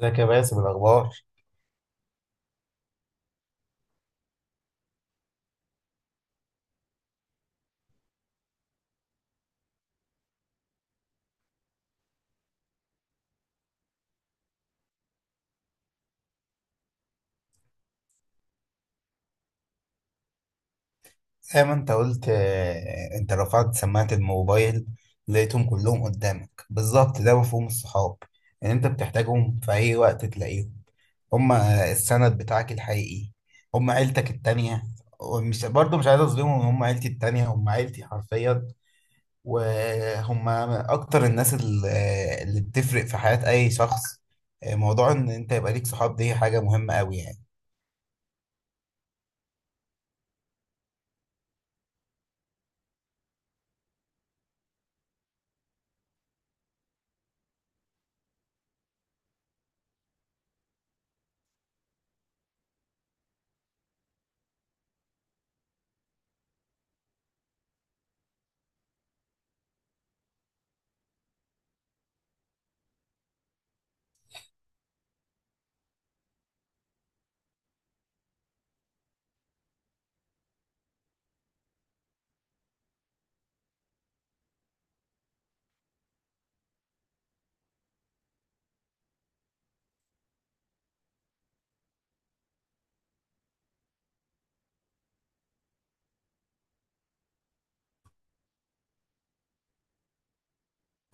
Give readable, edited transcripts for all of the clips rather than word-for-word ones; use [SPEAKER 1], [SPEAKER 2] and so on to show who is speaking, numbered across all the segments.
[SPEAKER 1] ازيك يا باسم، الأخبار؟ زي ما أنت قلت أنت رفعت سماعة الموبايل، لقيتهم كلهم قدامك بالظبط. ده مفهوم الصحاب، إن أنت بتحتاجهم في أي وقت تلاقيهم. هما السند بتاعك الحقيقي، هما عيلتك التانية. ومش برضه مش عايز أظلمهم، هما عيلتي التانية، هما عيلتي حرفيا. وهما أكتر الناس اللي بتفرق في حياة أي شخص. موضوع إن أنت يبقى ليك صحاب دي حاجة مهمة أوي يعني.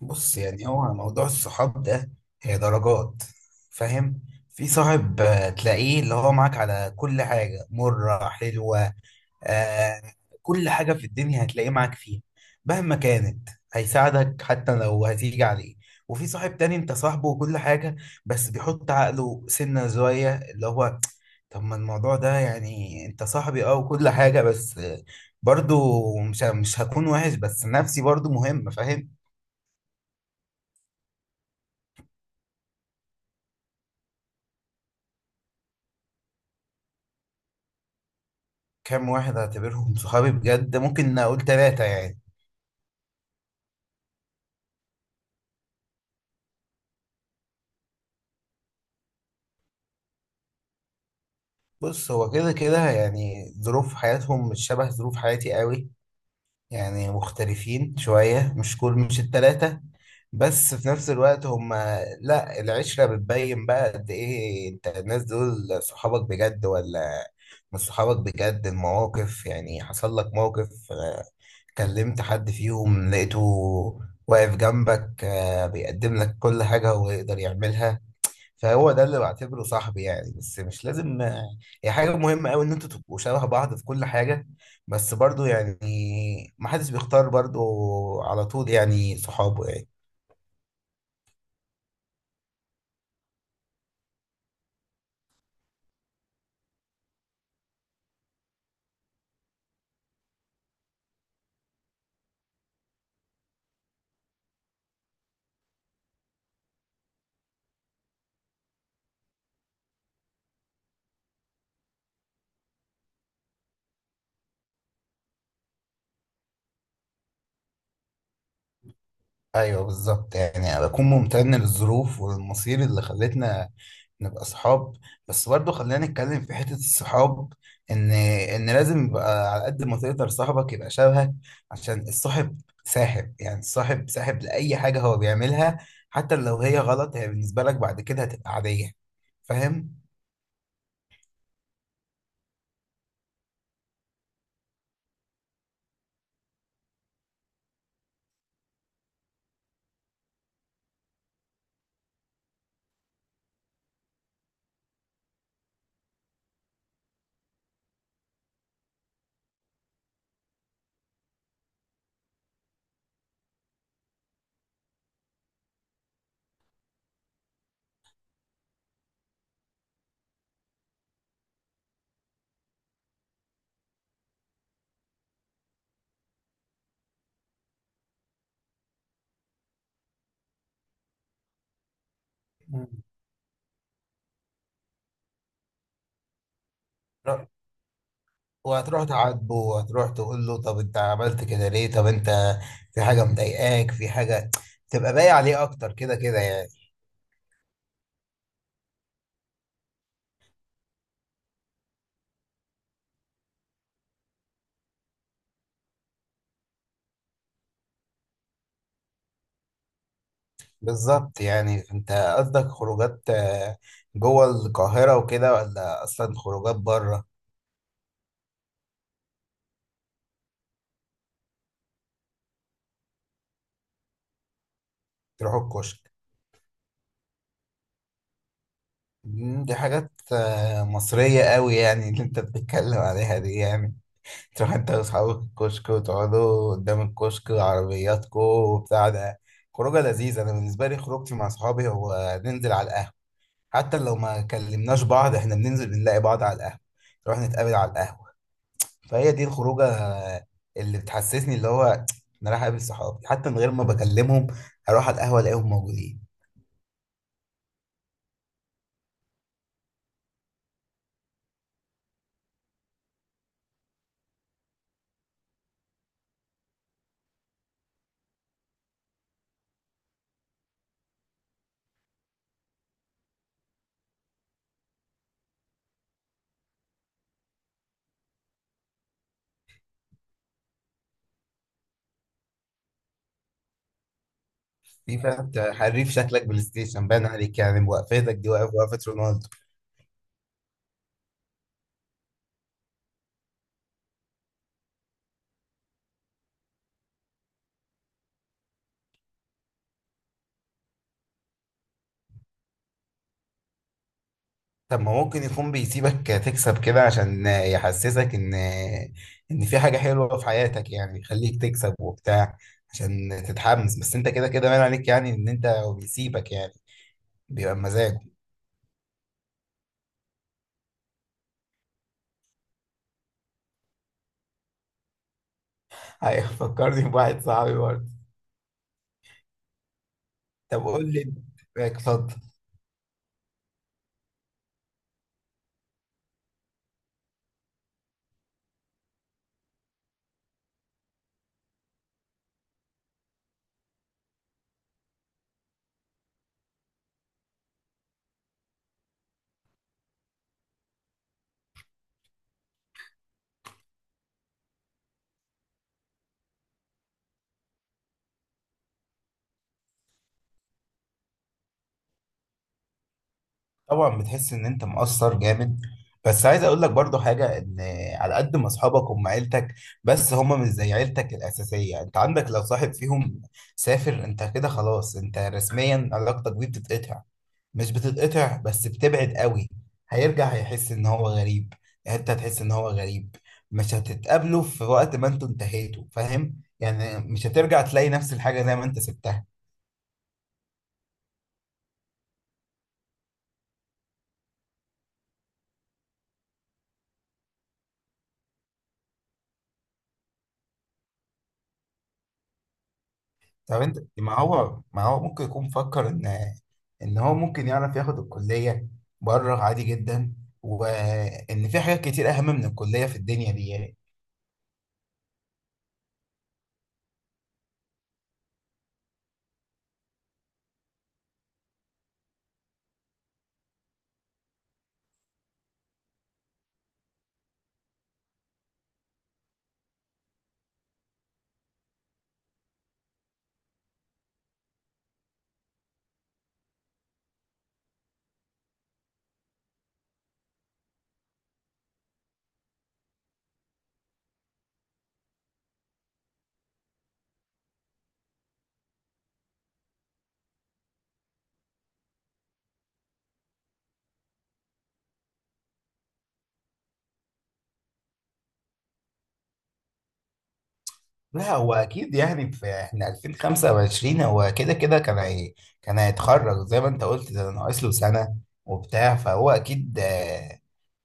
[SPEAKER 1] بص، يعني هو موضوع الصحاب ده هي درجات، فاهم. في صاحب تلاقيه اللي هو معاك على كل حاجة، مرة حلوة، آه كل حاجة في الدنيا هتلاقيه معاك فيها، مهما كانت هيساعدك حتى لو هتيجي عليه. وفي صاحب تاني انت صاحبه وكل حاجة، بس بيحط عقله سنة زوايا اللي هو طب ما الموضوع ده، يعني انت صاحبي اه وكل حاجة، بس برضو مش هكون وحش، بس نفسي برضو مهمة، فاهم. كام واحد اعتبرهم صحابي بجد؟ ممكن اقول ثلاثة يعني. بص هو كده كده يعني ظروف حياتهم مش شبه ظروف حياتي قوي، يعني مختلفين شوية، مش كل، مش التلاتة. بس في نفس الوقت هما، لا، العشرة بتبين بقى قد ايه انت الناس دول صحابك بجد ولا مش صحابك بجد. المواقف يعني، حصل لك موقف، كلمت حد فيهم، لقيته واقف جنبك، بيقدم لك كل حاجة هو يقدر يعملها، فهو ده اللي بعتبره صاحبي يعني. بس مش لازم هي حاجة مهمة قوي ان انتوا تبقوا شبه بعض في كل حاجة، بس برضو يعني ما حدش بيختار برضو على طول يعني صحابه يعني. ايوه بالظبط، يعني أنا بكون ممتن للظروف والمصير اللي خلتنا نبقى صحاب. بس برضه خلينا نتكلم في حتة الصحاب، ان ان لازم يبقى على قد ما تقدر صاحبك يبقى شبهك، عشان الصاحب ساحب يعني، الصاحب ساحب لأي حاجة هو بيعملها، حتى لو هي غلط، هي بالنسبة لك بعد كده هتبقى عادية، فاهم؟ مم. ر- وهتروح تعاتبه وهتروح تقول له طب انت عملت كده ليه؟ طب انت في حاجة مضايقاك، في حاجة، تبقى باقي عليه اكتر كده كده يعني. بالظبط، يعني انت قصدك خروجات جوه القاهرة وكده، ولا اصلا خروجات بره؟ تروحوا الكشك. مم، دي حاجات مصرية قوي يعني اللي انت بتتكلم عليها دي يعني. تروح انت واصحابك الكشك، وتقعدوا قدام الكشك وعربياتكو وبتاع ده، خروجة لذيذة. انا بالنسبة لي خروجتي مع اصحابي هو ننزل على القهوة، حتى لو ما كلمناش بعض احنا بننزل بنلاقي بعض على القهوة، نروح نتقابل على القهوة. فهي دي الخروجه اللي بتحسسني، اللي هو انا رايح اقابل صحابي، حتى من غير ما بكلمهم هروح على القهوه الاقيهم موجودين. في، فاهم أنت حريف، شكلك بلاي ستيشن باين عليك يعني، وقفتك دي واقف وقفه رونالدو. طب ما ممكن يكون بيسيبك تكسب كده عشان يحسسك ان ان في حاجه حلوه في حياتك، يعني يخليك تكسب وبتاع، عشان تتحمس. بس انت كده كده باين عليك يعني ان انت، هو بيسيبك يعني. بيبقى مزاجه. ايوه، فكرني بواحد صاحبي برضه. طب قول لي، اتفضل. طبعا بتحس ان انت مقصر جامد، بس عايز اقول لك برضو حاجه، ان على قد ما اصحابك هم عيلتك، بس هم مش زي عيلتك الاساسيه. انت عندك لو صاحب فيهم سافر، انت كده خلاص انت رسميا علاقتك بيه بتتقطع، مش بتتقطع بس بتبعد قوي. هيرجع هيحس ان هو غريب، انت هتحس ان هو غريب، مش هتتقابلوا في وقت، ما انتوا انتهيتوا، فاهم يعني، مش هترجع تلاقي نفس الحاجه زي ما انت سبتها. طب انت ما هو ممكن يكون فكر ان ان هو ممكن يعرف ياخد الكلية بره عادي جدا، وان في حاجات كتير اهم من الكلية في الدنيا دي يعني. لا هو اكيد يعني، في احنا 2025، هو كده كده كان، هي كان هيتخرج زي ما انت قلت ده ناقص له سنة وبتاع، فهو اكيد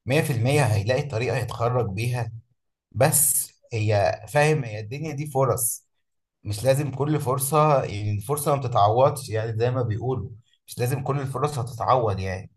[SPEAKER 1] 100% هيلاقي طريقة يتخرج بيها. بس هي فاهم، هي الدنيا دي فرص، مش لازم كل فرصة، يعني الفرصة ما بتتعوضش يعني زي ما بيقولوا، مش لازم كل الفرص هتتعوض يعني.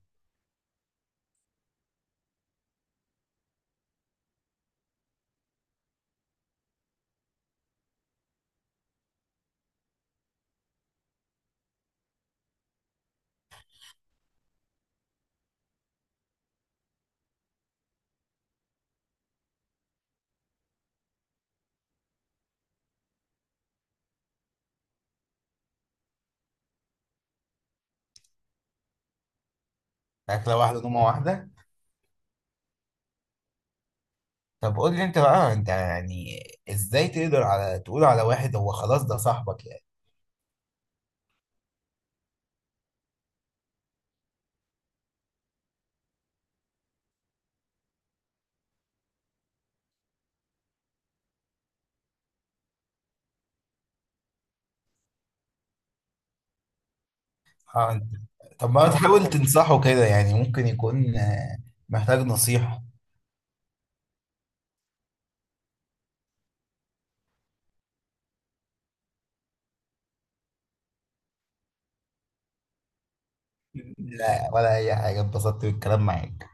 [SPEAKER 1] عارف لو واحدة نومة واحدة. طب قول لي انت بقى، انت يعني ازاي تقدر على تقول على واحد هو خلاص ده صاحبك يعني؟ اه انت، طب ما تحاول تنصحه كده يعني، ممكن يكون محتاج نصيحة. لا ولا اي حاجة، اتبسطت بالكلام معاك.